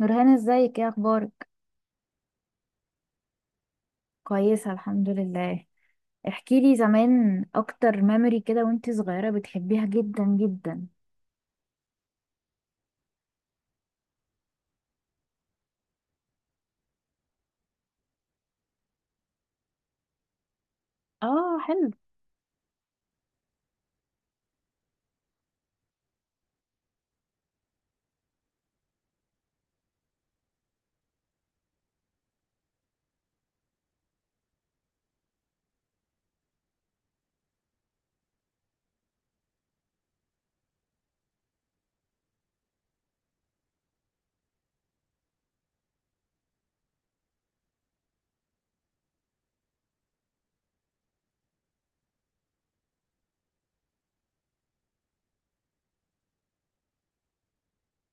نورهان، ازيك؟ ايه اخبارك؟ كويسه الحمد لله. احكي لي زمان اكتر ميموري كده وانت صغيره بتحبيها جدا جدا. اه، حلو.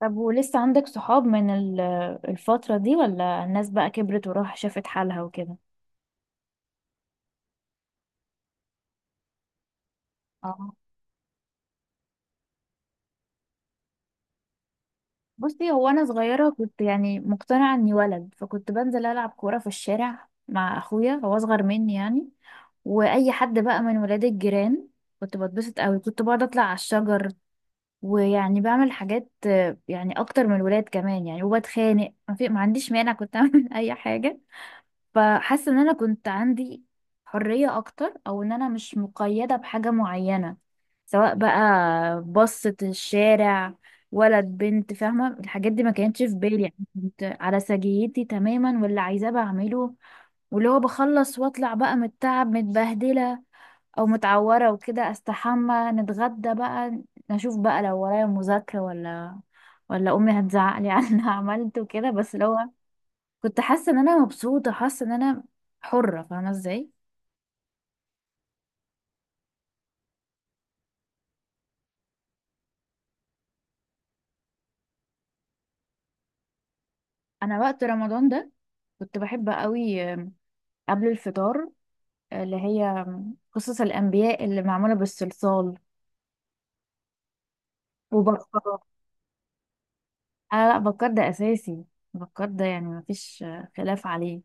طب ولسه عندك صحاب من الفتره دي، ولا الناس بقى كبرت وراح شافت حالها وكده؟ اه. بصي، هو انا صغيره كنت يعني مقتنعه اني ولد، فكنت بنزل العب كوره في الشارع مع اخويا، هو اصغر مني يعني. واي حد بقى من ولاد الجيران. كنت بتبسط قوي، كنت بقعد اطلع على الشجر ويعني بعمل حاجات، يعني اكتر من الولاد كمان يعني. وبتخانق، ما عنديش مانع، كنت اعمل اي حاجه. فحاسه ان انا كنت عندي حريه اكتر، او ان انا مش مقيده بحاجه معينه. سواء بقى بصة الشارع، ولد بنت، فاهمه؟ الحاجات دي ما كانتش في بالي يعني. كنت على سجيتي تماما، واللي عايزاه بعمله. واللي هو بخلص واطلع بقى متعب متبهدله او متعوره وكده، استحمى، نتغدى بقى، نشوف بقى لو ورايا مذاكره ولا امي هتزعق لي على اللي انا عملته كده. بس لو كنت حاسه ان انا مبسوطه، حاسه ان انا حره، فاهمه ازاي؟ انا وقت رمضان ده كنت بحب قوي قبل الفطار، اللي هي قصص الانبياء اللي معموله بالصلصال. وبكار. انا لا، بكار ده اساسي. بكار ده يعني مفيش خلاف عليه.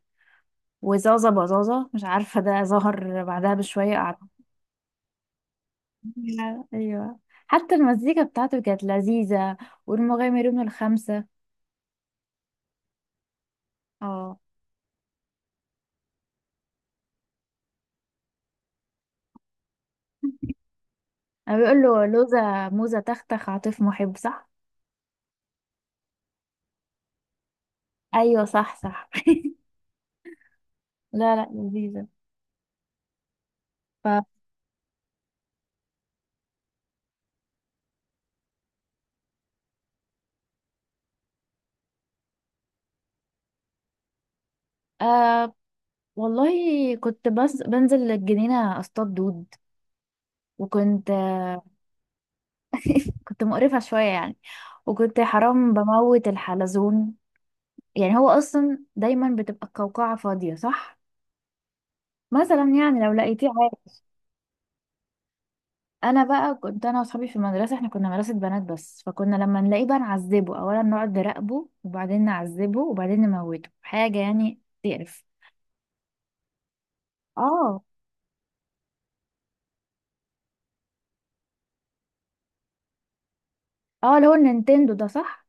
وزازة بزازة مش عارفة، ده ظهر بعدها بشوية. ايوه. حتى المزيكا بتاعته كانت لذيذة. والمغامرون الخمسة. اه. انا بيقول له لوزة موزة تختخ عاطف محب، صح؟ ايوه، صح صح. لا لا، لذيذة. ف آه والله كنت بس بنزل الجنينة اصطاد دود. وكنت كنت مقرفة شوية يعني. وكنت حرام بموت الحلزون. يعني هو اصلا دايما بتبقى القوقعة فاضية، صح؟ مثلا يعني لو لقيتيه عادي. انا بقى كنت انا واصحابي في المدرسه، احنا كنا مدرسه بنات بس، فكنا لما نلاقيه بقى نعذبه. اولا نقعد نراقبه، وبعدين نعذبه، وبعدين نموته. حاجه يعني تقرف. اه. اه، اللي هو النينتندو ده، صح؟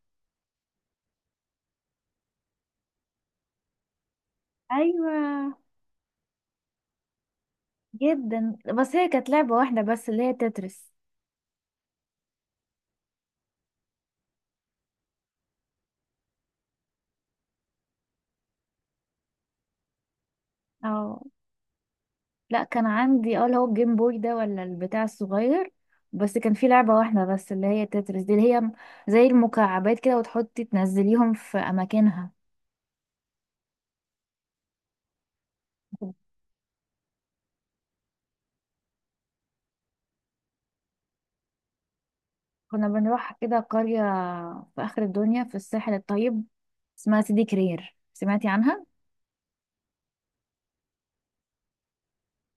ايوه، جدا. بس هي كانت لعبه واحده بس اللي هي تترس. اه، لا، كان عندي اللي هو الجيم بوي ده ولا البتاع الصغير. بس كان في لعبه واحده بس اللي هي تترس دي، اللي هي زي المكعبات كده، وتحطي تنزليهم في اماكنها. كنا بنروح كده قرية في آخر الدنيا في الساحل الطيب، اسمها سيدي كرير، سمعتي عنها؟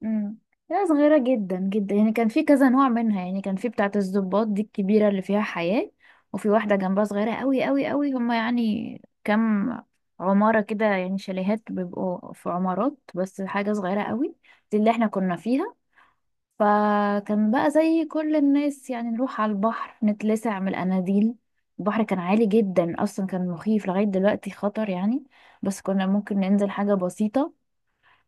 امم. لا، صغيرة جدا جدا يعني. كان في كذا نوع منها، يعني كان في بتاعة الضباط دي الكبيرة اللي فيها حياة، وفي واحدة جنبها صغيرة قوي قوي قوي. هما يعني كام عمارة كده يعني، شاليهات بيبقوا في عمارات، بس حاجة صغيرة قوي. دي اللي احنا كنا فيها. فكان بقى زي كل الناس، يعني نروح على البحر، نتلسع من الاناديل. البحر كان عالي جدا اصلا، كان مخيف، لغاية دلوقتي خطر يعني. بس كنا ممكن ننزل حاجة بسيطة.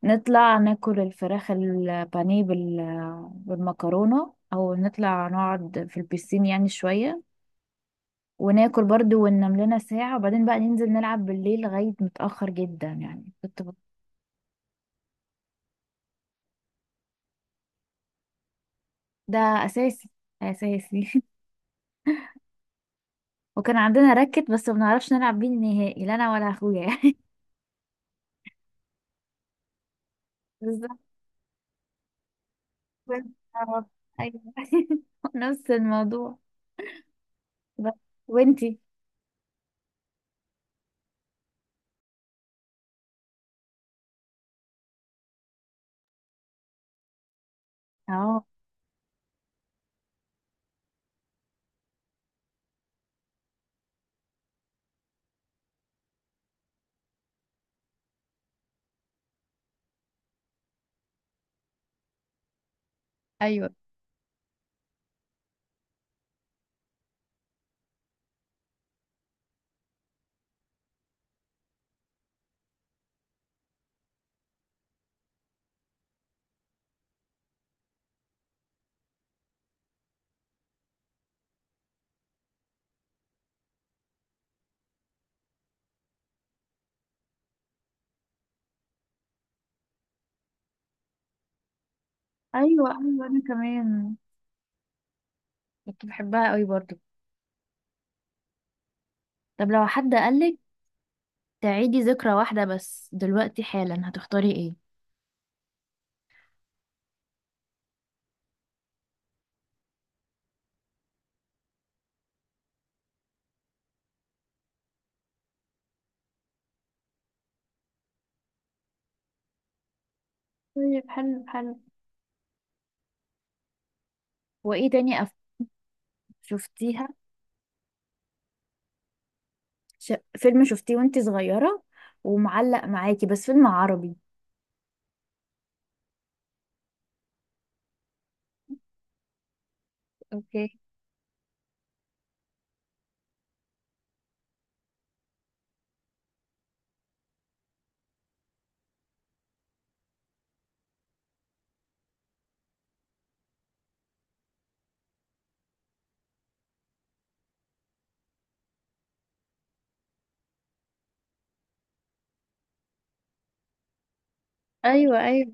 نطلع ناكل الفراخ البانيه بالمكرونة، او نطلع نقعد في البيسين يعني شوية، وناكل برضو، وننام لنا ساعة. وبعدين بقى ننزل نلعب بالليل لغاية متأخر جدا يعني. ده اساسي. اساسي. وكان عندنا راكت، بس ما بنعرفش نلعب بيه نهائي، لا انا ولا اخويا. بالظبط. وانت، ايوه. نفس الموضوع. بس وانتي؟ اه. ايوه ايوه ايوه، انا كمان كنت بحبها قوي برضو. طب لو حد قالك تعيدي ذكرى واحدة بس دلوقتي حالا، هتختاري ايه؟ طيب، حلو حلو. وايه تاني شفتيها؟ فيلم شفتيه وانتي صغيرة ومعلق معاكي، بس فيلم عربي. اوكي. ايوه ايوه.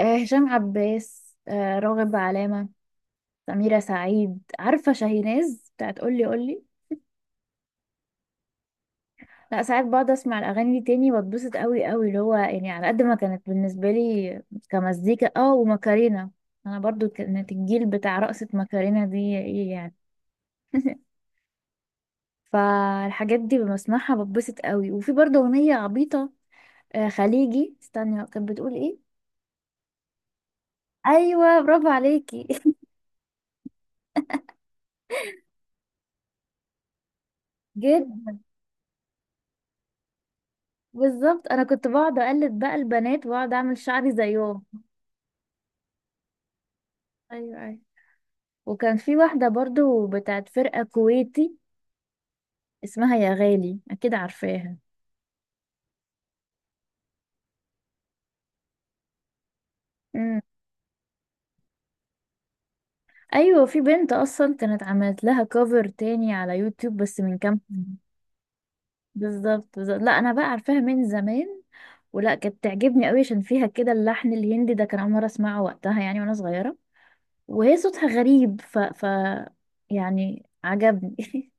هشام عباس، راغب علامة، سميرة سعيد. عارفة شاهيناز بتاعت قولي قولي؟ لا، ساعات بقعد اسمع الاغاني دي تاني، بتبسط قوي قوي، اللي هو يعني على قد ما كانت بالنسبة لي كمزيكا. اه، وماكارينا. انا برضو كانت الجيل بتاع رقصة ماكارينا دي، ايه يعني. فالحاجات دي بسمعها بتبسط قوي. وفي برضو اغنية عبيطة، خليجي، استني كانت بتقول ايه. ايوه، برافو عليكي. جد. بالظبط، انا كنت بقعد اقلد بقى البنات، واقعد اعمل شعري زيهم. ايوه ايوه. وكان في واحدة برضو بتاعت فرقة كويتي، اسمها يا غالي، أكيد عارفاها. امم. أيوة، في بنت أصلا كانت عملت لها كفر تاني على يوتيوب بس من كام سنة. بالظبط بالظبط. لا، أنا بقى عارفاها من زمان، ولا كانت تعجبني قوي، عشان فيها كده اللحن الهندي ده، كان أول مرة أسمعه وقتها يعني وأنا صغيرة. وهي صوتها غريب، يعني عجبني.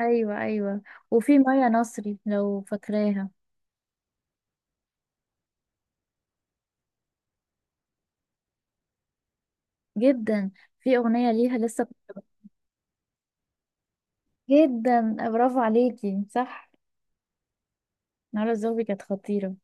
أيوة أيوة. وفي مايا نصري، لو فاكراها. جدا. في أغنية ليها لسه. جدا، برافو عليكي، صح. نهار الزوبي كانت خطيرة.